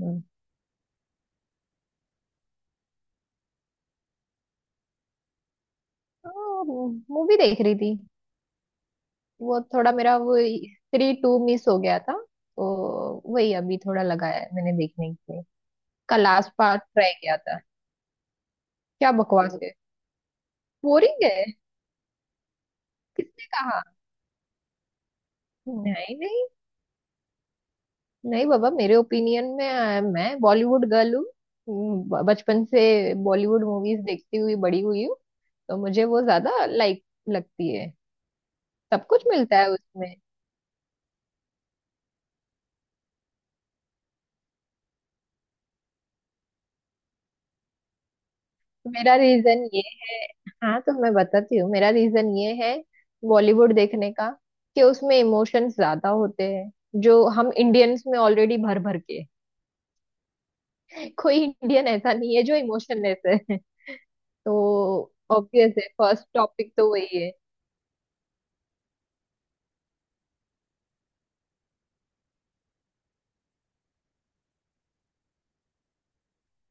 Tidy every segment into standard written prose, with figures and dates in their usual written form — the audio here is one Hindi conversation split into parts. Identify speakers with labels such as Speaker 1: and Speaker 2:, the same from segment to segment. Speaker 1: हम्म। मूवी देख रही थी। वो थोड़ा मेरा, वो थ्री टू मिस हो गया था, तो वही अभी थोड़ा लगाया है मैंने देखने के लिए। का लास्ट पार्ट ट्राई किया था। क्या बकवास है। बोरिंग है। किसने कहा? नहीं, नहीं। नहीं बाबा, मेरे ओपिनियन में मैं बॉलीवुड गर्ल हूँ। बचपन से बॉलीवुड मूवीज देखती हुई बड़ी हुई हूँ। तो मुझे वो ज्यादा लाइक लगती है। सब कुछ मिलता है उसमें। तो मेरा रीजन ये है। हाँ, तो मैं बताती हूँ, मेरा रीजन ये है बॉलीवुड देखने का कि उसमें इमोशंस ज्यादा होते हैं, जो हम इंडियंस में ऑलरेडी भर भर के हैं। कोई इंडियन ऐसा नहीं है जो इमोशनलेस है। तो ऑब्वियस है, फर्स्ट टॉपिक तो वही है।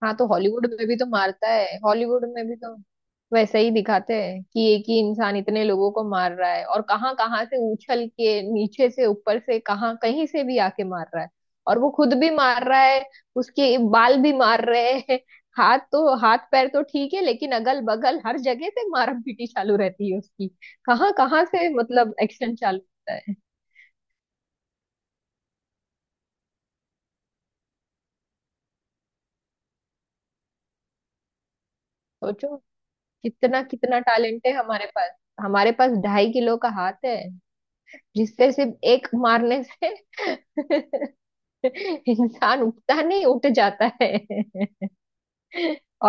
Speaker 1: हाँ, तो हॉलीवुड में भी तो मारता है, हॉलीवुड में भी तो वैसा ही दिखाते हैं कि एक ही इंसान इतने लोगों को मार रहा है और कहाँ कहाँ से उछल के, नीचे से, ऊपर से, कहाँ कहीं से भी आके मार रहा है। और वो खुद भी मार रहा है, उसके बाल भी मार रहे हैं। हाथ तो हाथ, पैर तो ठीक है, लेकिन अगल बगल हर जगह से मार पीटी चालू रहती है उसकी। कहाँ कहाँ से मतलब एक्शन चालू होता है। सोचो कितना कितना टैलेंट है हमारे पास। हमारे पास ढाई किलो का हाथ है, जिससे सिर्फ एक मारने से इंसान उठता नहीं, उठ जाता है।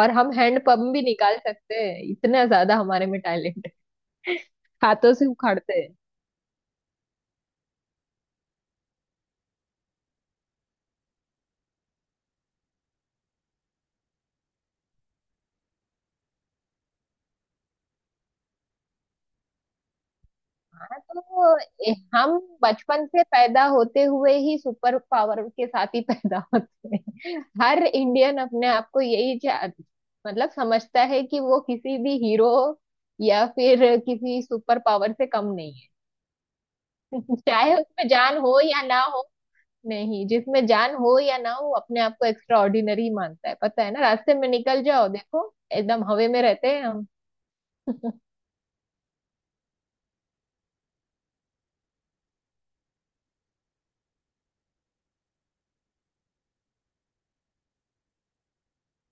Speaker 1: और हम हैंड पंप भी निकाल सकते हैं, इतना ज्यादा हमारे में टैलेंट है। हाथों से उखाड़ते हैं। हाँ, तो हम बचपन से पैदा होते हुए ही सुपर पावर के साथ ही पैदा होते हैं। हर इंडियन अपने आप को यही मतलब समझता है कि वो किसी भी हीरो या फिर किसी सुपर पावर से कम नहीं, चाहे उसमें जान हो या ना हो। नहीं, जिसमें जान हो या ना हो, अपने आप को एक्स्ट्रा ऑर्डिनरी मानता है। पता है ना, रास्ते में निकल जाओ, देखो एकदम हवे में रहते हैं हम।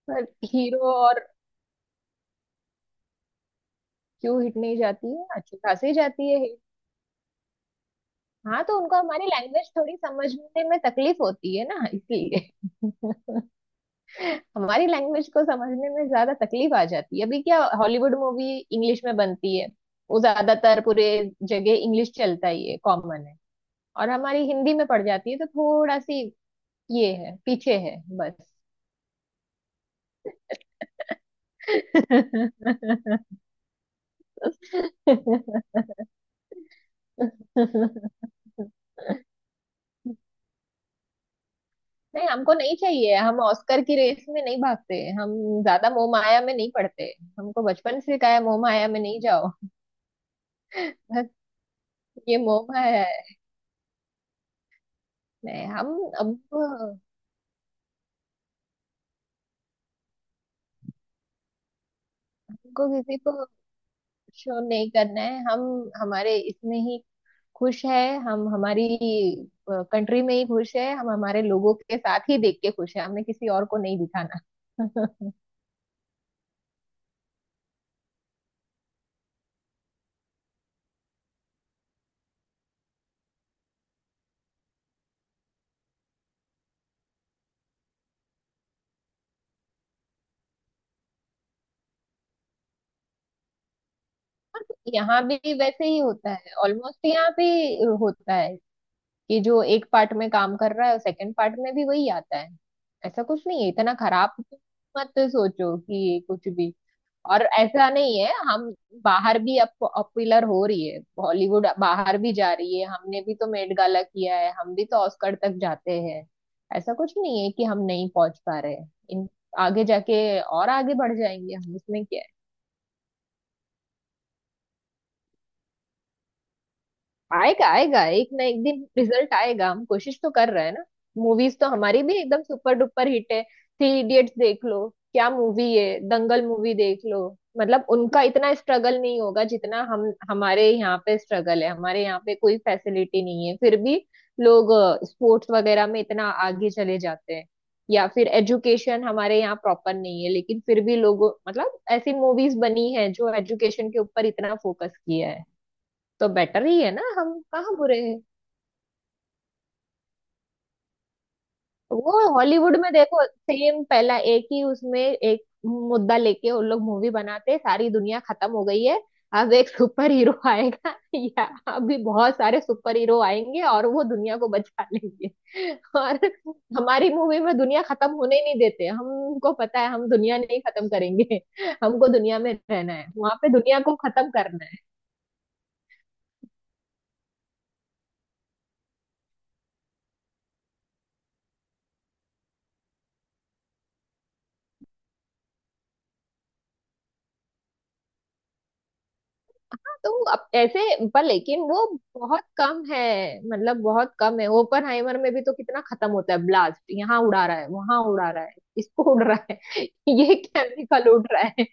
Speaker 1: पर हीरो और क्यों हिट नहीं जाती है? अच्छी खासी जाती है हिट। हाँ, तो उनको हमारी लैंग्वेज थोड़ी समझने में तकलीफ होती है ना, इसलिए। हमारी लैंग्वेज को समझने में ज्यादा तकलीफ आ जाती है। अभी क्या हॉलीवुड मूवी इंग्लिश में बनती है, वो ज्यादातर पूरे जगह इंग्लिश चलता ही है, कॉमन है। और हमारी हिंदी में पड़ जाती है तो थोड़ा सी ये है, पीछे है बस। नहीं, हमको नहीं चाहिए। हम ऑस्कर की रेस में नहीं भागते। हम ज्यादा मोह माया में नहीं पड़ते। हमको बचपन से कहा है, मोह माया में नहीं जाओ। बस, ये मोह माया है। नहीं, हम, अब हमको किसी को शो नहीं करना है। हम हमारे इसमें ही खुश है। हम हमारी कंट्री में ही खुश है। हम हमारे लोगों के साथ ही देख के खुश है। हमें किसी और को नहीं दिखाना। यहाँ भी वैसे ही होता है, ऑलमोस्ट यहाँ भी होता है कि जो एक पार्ट में काम कर रहा है, सेकंड पार्ट में भी वही आता है। ऐसा कुछ नहीं है, इतना खराब मत सोचो कि कुछ भी। और ऐसा नहीं है, हम बाहर भी अब पॉपुलर हो रही है। बॉलीवुड बाहर भी जा रही है। हमने भी तो मेट गाला किया है। हम भी तो ऑस्कर तक जाते हैं। ऐसा कुछ नहीं है कि हम नहीं पहुंच पा रहे हैं इन। आगे जाके और आगे बढ़ जाएंगे, हम इसमें क्या है? आएगा आएगा, एक ना एक दिन रिजल्ट आएगा। हम कोशिश तो कर रहे हैं ना। मूवीज तो हमारी भी एकदम सुपर डुपर हिट है। थ्री इडियट्स देख लो, क्या मूवी है। दंगल मूवी देख लो। मतलब उनका इतना स्ट्रगल नहीं होगा जितना हम, हमारे यहाँ पे स्ट्रगल है। हमारे यहाँ पे कोई फैसिलिटी नहीं है, फिर भी लोग स्पोर्ट्स वगैरह में इतना आगे चले जाते हैं। या फिर एजुकेशन हमारे यहाँ प्रॉपर नहीं है, लेकिन फिर भी लोग, मतलब ऐसी मूवीज बनी है जो एजुकेशन के ऊपर इतना फोकस किया है। तो बेटर ही है ना, हम कहाँ बुरे हैं। वो हॉलीवुड में देखो, सेम पहला एक ही उसमें एक मुद्दा लेके उन लोग मूवी बनाते, सारी दुनिया खत्म हो गई है, अब एक सुपर हीरो आएगा या अभी बहुत सारे सुपर हीरो आएंगे और वो दुनिया को बचा लेंगे। और हमारी मूवी में दुनिया खत्म होने ही नहीं देते। हमको पता है हम दुनिया नहीं खत्म करेंगे। हमको दुनिया में रहना है, वहां पे दुनिया को खत्म करना है। तो अब ऐसे पर, लेकिन वो बहुत कम है। मतलब बहुत कम है। ओपनहाइमर में भी तो कितना खत्म होता है, ब्लास्ट यहाँ उड़ा रहा है, वहां उड़ा रहा है, इसको उड़ रहा है। ये केमिकल उड़ रहा है।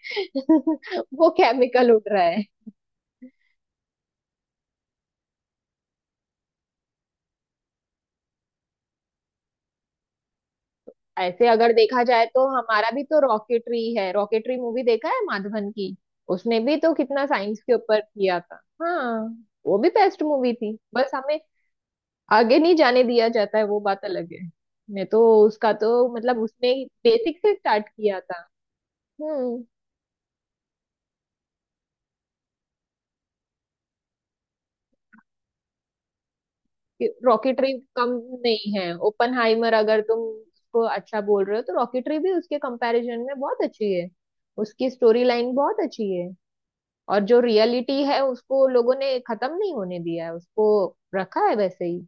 Speaker 1: वो केमिकल उड़ रहा है। ऐसे अगर देखा जाए तो हमारा भी तो रॉकेटरी है। रॉकेटरी मूवी देखा है माधवन की, उसने भी तो कितना साइंस के ऊपर किया था। हाँ, वो भी बेस्ट मूवी थी, बस हमें आगे नहीं जाने दिया जाता है, वो बात अलग है। मैं तो, उसका तो मतलब उसने बेसिक से स्टार्ट किया था। हम्म। रॉकेटरी कम नहीं है ओपनहाइमर, अगर तुम उसको अच्छा बोल रहे हो तो रॉकेटरी भी उसके कंपैरिजन में बहुत अच्छी है। उसकी स्टोरी लाइन बहुत अच्छी है और जो रियलिटी है उसको लोगों ने खत्म नहीं होने दिया है, उसको रखा है वैसे ही।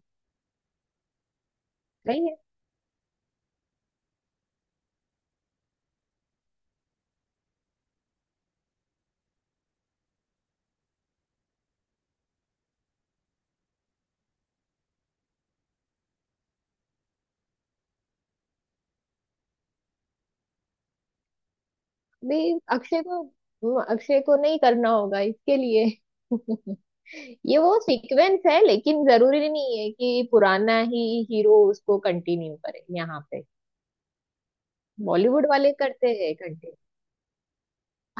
Speaker 1: कहीं भी अक्षय को, अक्षय को नहीं करना होगा इसके लिए। ये वो सीक्वेंस है, लेकिन जरूरी नहीं है कि पुराना ही हीरो उसको कंटिन्यू करे यहाँ पे। बॉलीवुड वाले करते हैं कंटिन्यू।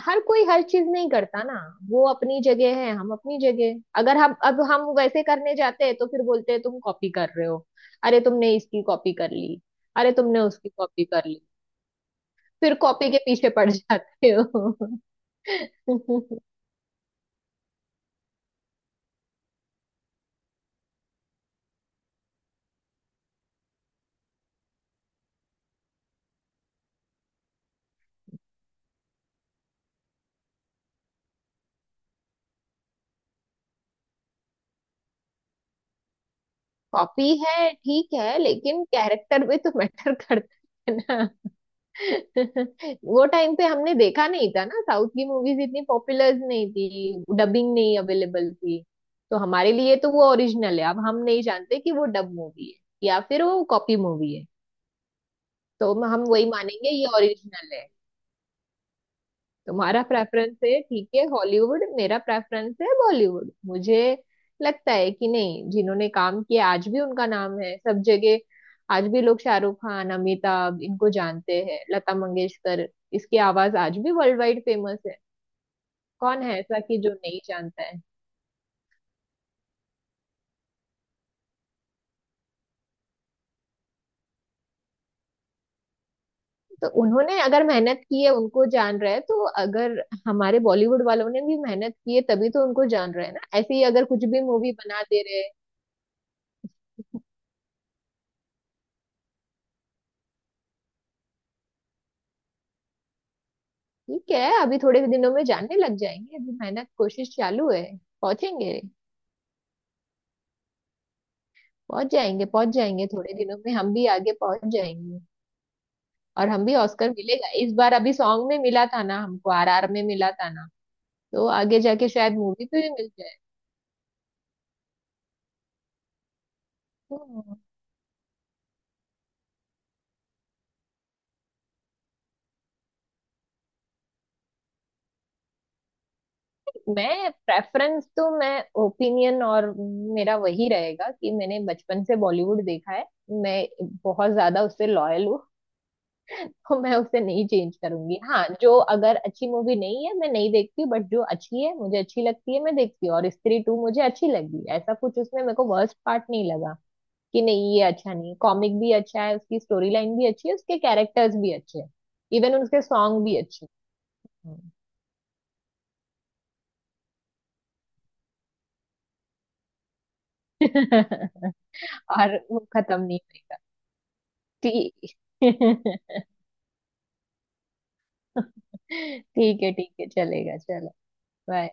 Speaker 1: हर कोई हर चीज नहीं करता ना। वो अपनी जगह है, हम अपनी जगह। अगर हम, अब हम वैसे करने जाते हैं तो फिर बोलते हैं तुम कॉपी कर रहे हो। अरे तुमने इसकी कॉपी कर ली, अरे तुमने उसकी कॉपी कर ली, फिर कॉपी के पीछे पड़ जाते हो। कॉपी है ठीक है, लेकिन कैरेक्टर भी तो मैटर करता है ना। वो टाइम पे हमने देखा नहीं था ना, साउथ की मूवीज इतनी पॉपुलर नहीं थी, डबिंग नहीं अवेलेबल थी। तो हमारे लिए तो वो ओरिजिनल है। अब हम नहीं जानते कि वो डब मूवी है या फिर वो कॉपी मूवी है, तो हम वही मानेंगे ये ओरिजिनल है। तुम्हारा प्रेफरेंस है ठीक है, हॉलीवुड। मेरा प्रेफरेंस है बॉलीवुड। मुझे लगता है कि नहीं, जिन्होंने काम किया आज भी उनका नाम है सब जगह। आज भी लोग शाहरुख खान, अमिताभ इनको जानते हैं। लता मंगेशकर, इसकी आवाज आज भी वर्ल्ड वाइड फेमस है। कौन है ऐसा कि जो नहीं जानता है। तो उन्होंने अगर मेहनत की है उनको जान रहा है, तो अगर हमारे बॉलीवुड वालों ने भी मेहनत की है तभी तो उनको जान रहा है ना। ऐसे ही अगर कुछ भी मूवी बना दे रहे हैं। ठीक है, अभी थोड़े दिनों में जानने लग जाएंगे। अभी मेहनत, कोशिश चालू है, पहुंचेंगे। पहुंच जाएंगे, पहुंच जाएंगे थोड़े दिनों में हम भी आगे पहुंच जाएंगे। और हम भी, ऑस्कर मिलेगा इस बार। अभी सॉन्ग में मिला था ना हमको, आरआर में मिला था ना। तो आगे जाके शायद मूवी पे भी मिल जाए। तो मैं प्रेफरेंस तो, मैं ओपिनियन और मेरा वही रहेगा कि मैंने बचपन से बॉलीवुड देखा है। मैं बहुत ज्यादा उससे लॉयल हूँ, तो मैं उसे नहीं चेंज करूंगी। हाँ, जो अगर अच्छी मूवी नहीं है मैं नहीं देखती, बट जो अच्छी है मुझे अच्छी लगती है मैं देखती हूँ। और स्त्री टू मुझे अच्छी लगी, ऐसा कुछ उसमें मेरे को वर्स्ट पार्ट नहीं लगा कि नहीं ये अच्छा नहीं। कॉमिक भी अच्छा है, उसकी स्टोरी लाइन भी अच्छी है, उसके कैरेक्टर्स भी अच्छे हैं। इवन उसके सॉन्ग भी अच्छे हैं। और वो खत्म नहीं हुई। ठीक ठीक है, ठीक है, चलेगा। चलो, बाय।